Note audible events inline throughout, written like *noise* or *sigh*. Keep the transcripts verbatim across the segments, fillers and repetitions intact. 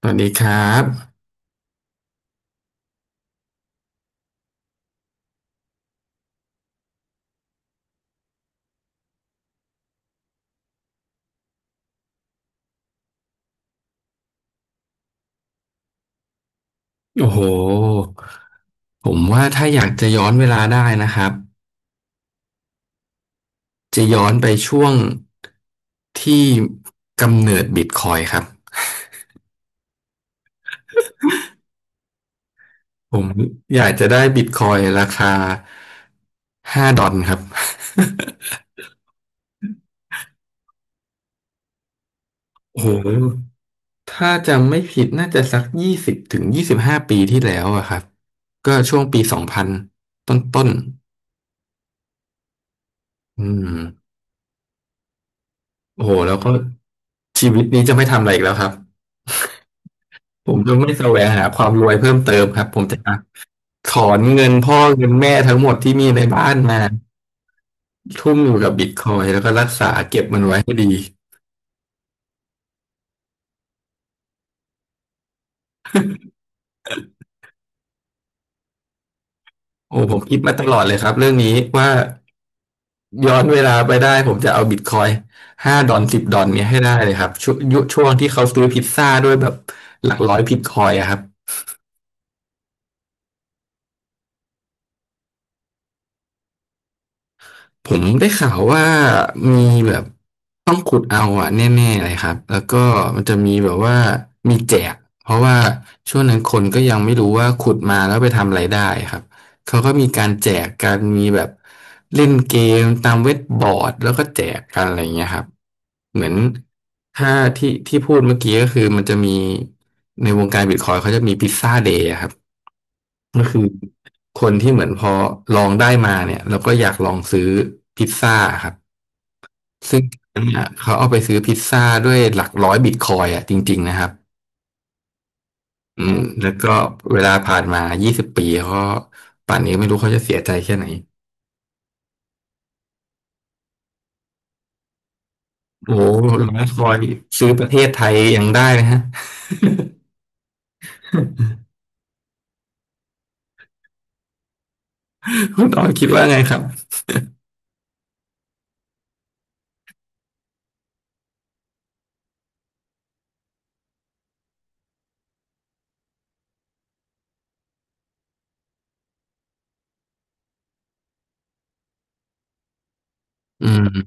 สวัสดีครับโอ้โหผมว่าถ้าอยากจะย้อนเวลาได้นะครับจะย้อนไปช่วงที่กำเนิดบิตคอยครับผมอยากจะได้บิตคอยราคาห้าดอลครับ *laughs* โอ้โหถ้าจำไม่ผิดน่าจะสักยี่สิบถึงยี่สิบห้าปีที่แล้วอะครับก็ช่วงปีสองพันต้นต้นๆอืมโอ้โหแล้วก็ชีวิตนี้จะไม่ทำอะไรอีกแล้วครับ ผมจะไม่แสวงหาความรวยเพิ่มเติมครับผมจะถอนเงินพ่อเงินแม่ทั้งหมดที่มีในบ้านมาทุ่มอยู่กับบิตคอยแล้วก็รักษาเก็บมันไว้ให้ดีโอ้ผมคิดมาตลอดเลยครับเรื่องนี้ว่าย้อนเวลาไปได้ผมจะเอาบิตคอยห้าดอนสิบดอนเนี้ยให้ได้เลยครับช่วงยุคช่วงที่เขาซื้อพิซซ่าด้วยแบบหลักร้อยบิตคอยอะครับ ผมได้ข่าวว่ามีแบบต้องขุดเอาอะแน่ๆเลยครับแล้วก็มันจะมีแบบว่ามีแจกเพราะว่าช่วงนั้นคนก็ยังไม่รู้ว่าขุดมาแล้วไปทำอะไรได้ครับเขาก็มีการแจกกันมีแบบเล่นเกมตามเว็บบอร์ดแล้วก็แจกกันอะไรอย่างเงี้ยครับเหมือนถ้าที่ที่พูดเมื่อกี้ก็คือมันจะมีในวงการบิตคอยเขาจะมีพิซซ่าเดย์ครับ ก็คือคนที่เหมือนพอลองได้มาเนี่ยแล้วก็อยากลองซื้อพิซซ่าครับซึ่งเนี่ยเขาเอาไปซื้อพิซซ่าด้วยหลักร้อยบิตคอยน์อ่ะจริงๆนะครับอืมแล้วก็เวลาผ่านมายี่สิบปีเขาป่านนี้ไม่รู้เขาจะเสียใจแค่ไหนโอ้โหร้อยคอยน์ซื้อประเทศไทยยังได้นะฮะคุณตอนคิดว่าไงครับอืม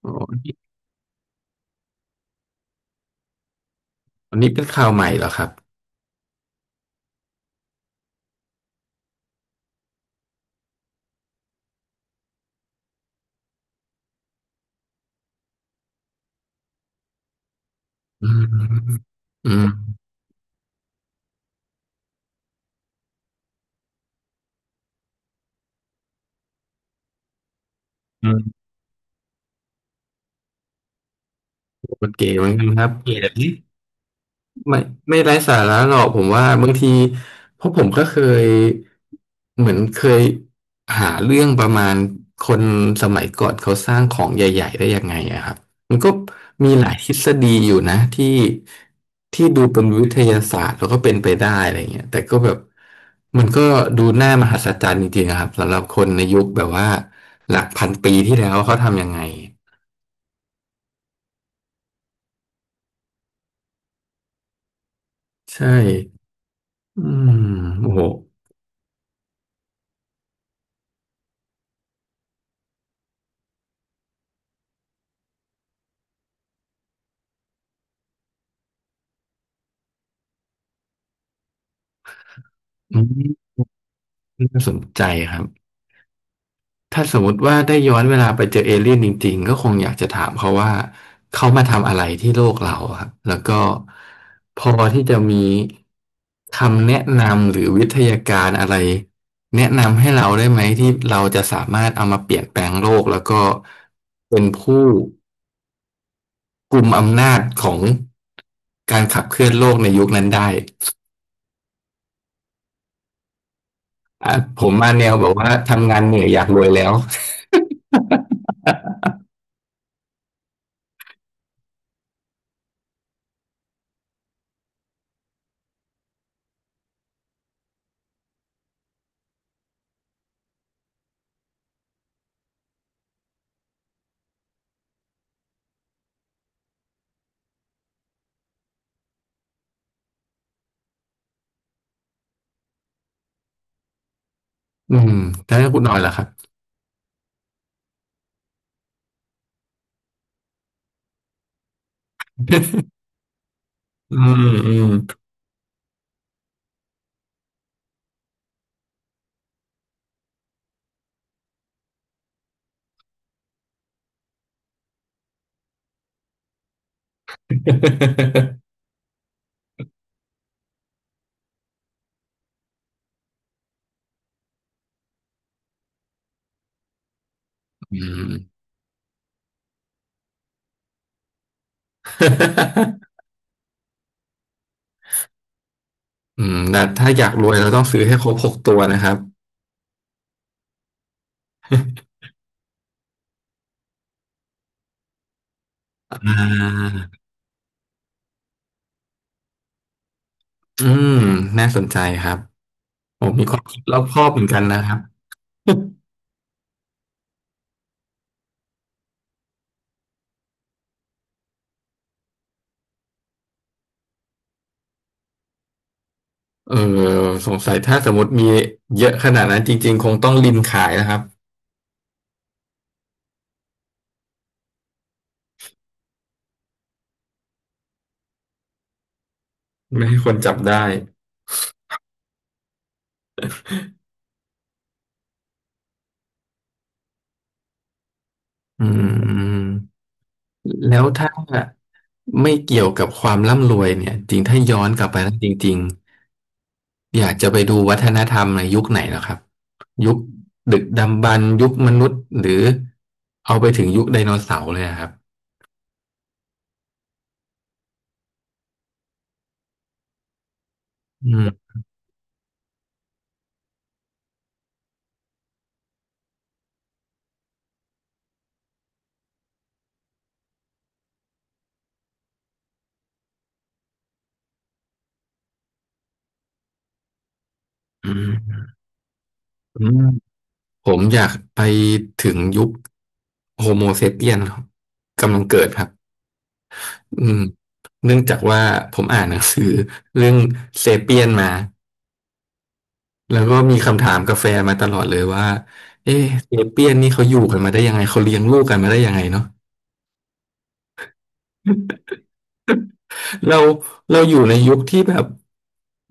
โอ้นี่อันนี้เป็นข่าวใหม่เหรอครับอืมอืมอืมโอเคเหมือนกันครับเกลียดนี่ ไม่ไม่ไร้สาระหรอกผมว่าบางทีเพราะผมก็เคยเหมือนเคยหาเรื่องประมาณคนสมัยก่อนเขาสร้างของใหญ่ๆได้ยังไงอะครับมันก็มีหลายทฤษฎีอยู่นะที่ที่ดูเป็นวิทยาศาสตร์แล้วก็เป็นไปได้อะไรเงี้ยแต่ก็แบบมันก็ดูน่ามหัศจรรย์จริงๆนะครับสำหรับคนในยุคแบบว่าหลักพันปีที่แล้วเขาทำยังไงใช่อืมโอ้โหอืมน่าสนใจครับ ถ้าสมมติว่าได้ย้อนเวลาไปเจอเอเลี่ยนจริงๆก็คงอยากจะถามเขาว่าเขามาทำอะไรที่โลกเราครับแล้วก็พอที่จะมีคำแนะนำหรือวิทยาการอะไรแนะนำให้เราได้ไหมที่เราจะสามารถเอามาเปลี่ยนแปลงโลกแล้วก็เป็นผู้กุมอำนาจของการขับเคลื่อนโลกในยุคนั้นได้อ่ะผมมาแนวแบบว่าทำงานเหนื่อยอยากรวยแล้วอืมแล้วคุณนอยล่ะครับอืมอืม อืม *laughs* อืมแต่ถ้าอยากรวยเราต้องซื้อให้ครบหกตัวนะครับอ่าอืมน่าสนใจครับผมมีความคิดรอบคอบเหมือนกันนะครับ *laughs* เออสงสัยถ้าสมมติมีเยอะขนาดนั้นจริงๆ คงต้องริมขายนะครับ ไม่ให้คนจับได้อืมแล้วถ้าไม่เกี่ยวกับความร่ำรวยเนี่ยจริงถ้าย้อนกลับไปแล้วจริงๆ อยากจะไปดูวัฒนธรรมในยุคไหนเหรอครับยุคดึกดำบรรพ์ยุคมนุษย์หรือเอาไปถึงยุคไดโนเสาร์เลยอะครับอืมอืมอืมผมอยากไปถึงยุคโฮโมเซเปียนครับกำลังเกิดครับอืมเนื่องจากว่าผมอ่านหนังสือเรื่องเซเปียนมาแล้วก็มีคำถามกับแฟนมาตลอดเลยว่าเอ๊ะเซเปียนนี่เขาอยู่กันมาได้ยังไงเขาเลี้ยงลูกกันมาได้ยังไงเนาะ เราเราอยู่ในยุคที่แบบ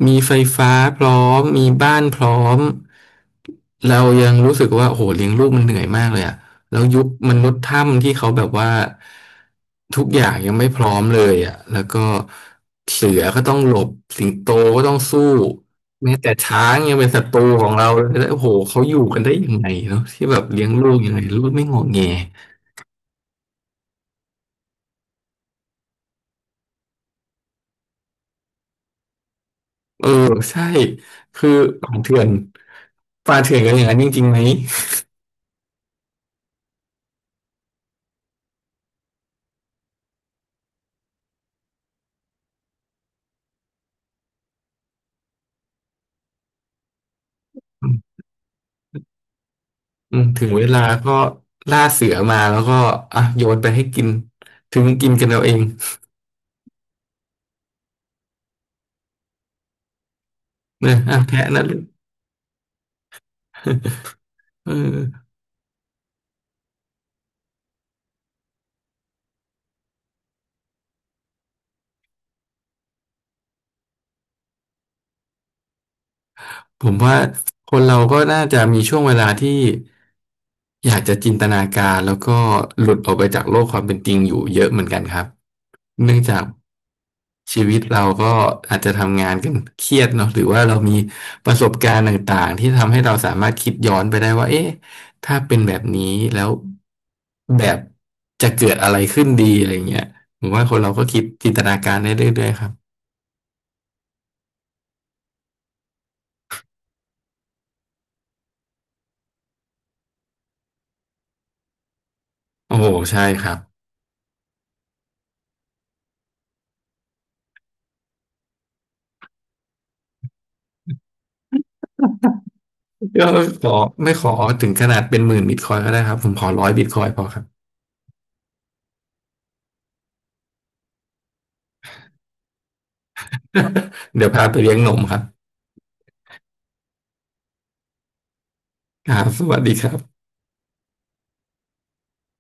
มีไฟฟ้าพร้อมมีบ้านพร้อมเรายังรู้สึกว่าโอ้โหเลี้ยงลูกมันเหนื่อยมากเลยอะแล้วยุคมนุษย์ถ้ำที่เขาแบบว่าทุกอย่างยังไม่พร้อมเลยอะแล้วก็เสือก็ต้องหลบสิงโตก็ต้องสู้แม้แต่ช้างยังเป็นศัตรูของเราเลยแล้วโอ้โหเขาอยู่กันได้ยังไงเนาะที่แบบเลี้ยงลูกยังไงลูกไม่งอแง เออใช่คือป่าเถื่อนป่าเถื่อนกันอย่างนั้นจริงๆไหมอืมถึงเวลาก็ล่าเสือมาแล้วก็อ่ะโยนไปให้กินถึงกินกันเอาเองเนอะอ่ะแพะนะลูก *laughs* เออผมว่าคนเราก็น่าจะมีช่วงเวลาที่อยากจะจินตนาการแล้วก็หลุดออกไปจากโลกความเป็นจริงอยู่เยอะเหมือนกันครับเนื่องจาก ชีวิตเราก็อาจจะทำงานกันเครียดเนาะหรือว่าเรามีประสบการณ์ต่างๆที่ทำให้เราสามารถคิดย้อนไปได้ว่าเอ๊ะถ้าเป็นแบบนี้แล้วแบบจะเกิดอะไรขึ้นดีอะไรเงี้ยผมว่าคนเราก็คิดจินตนาการได้เรื่อยๆครับโอ้โหใช่ครับก็ขอไม่ขอถึงขนาดเป็นหมื่นบิตคอยก็ได้ครับผมขอร้อยบิตคอยพอครับ *laughs* เดี๋ยวพาไปเลี้ยงนมครับครับสวัสดีครับ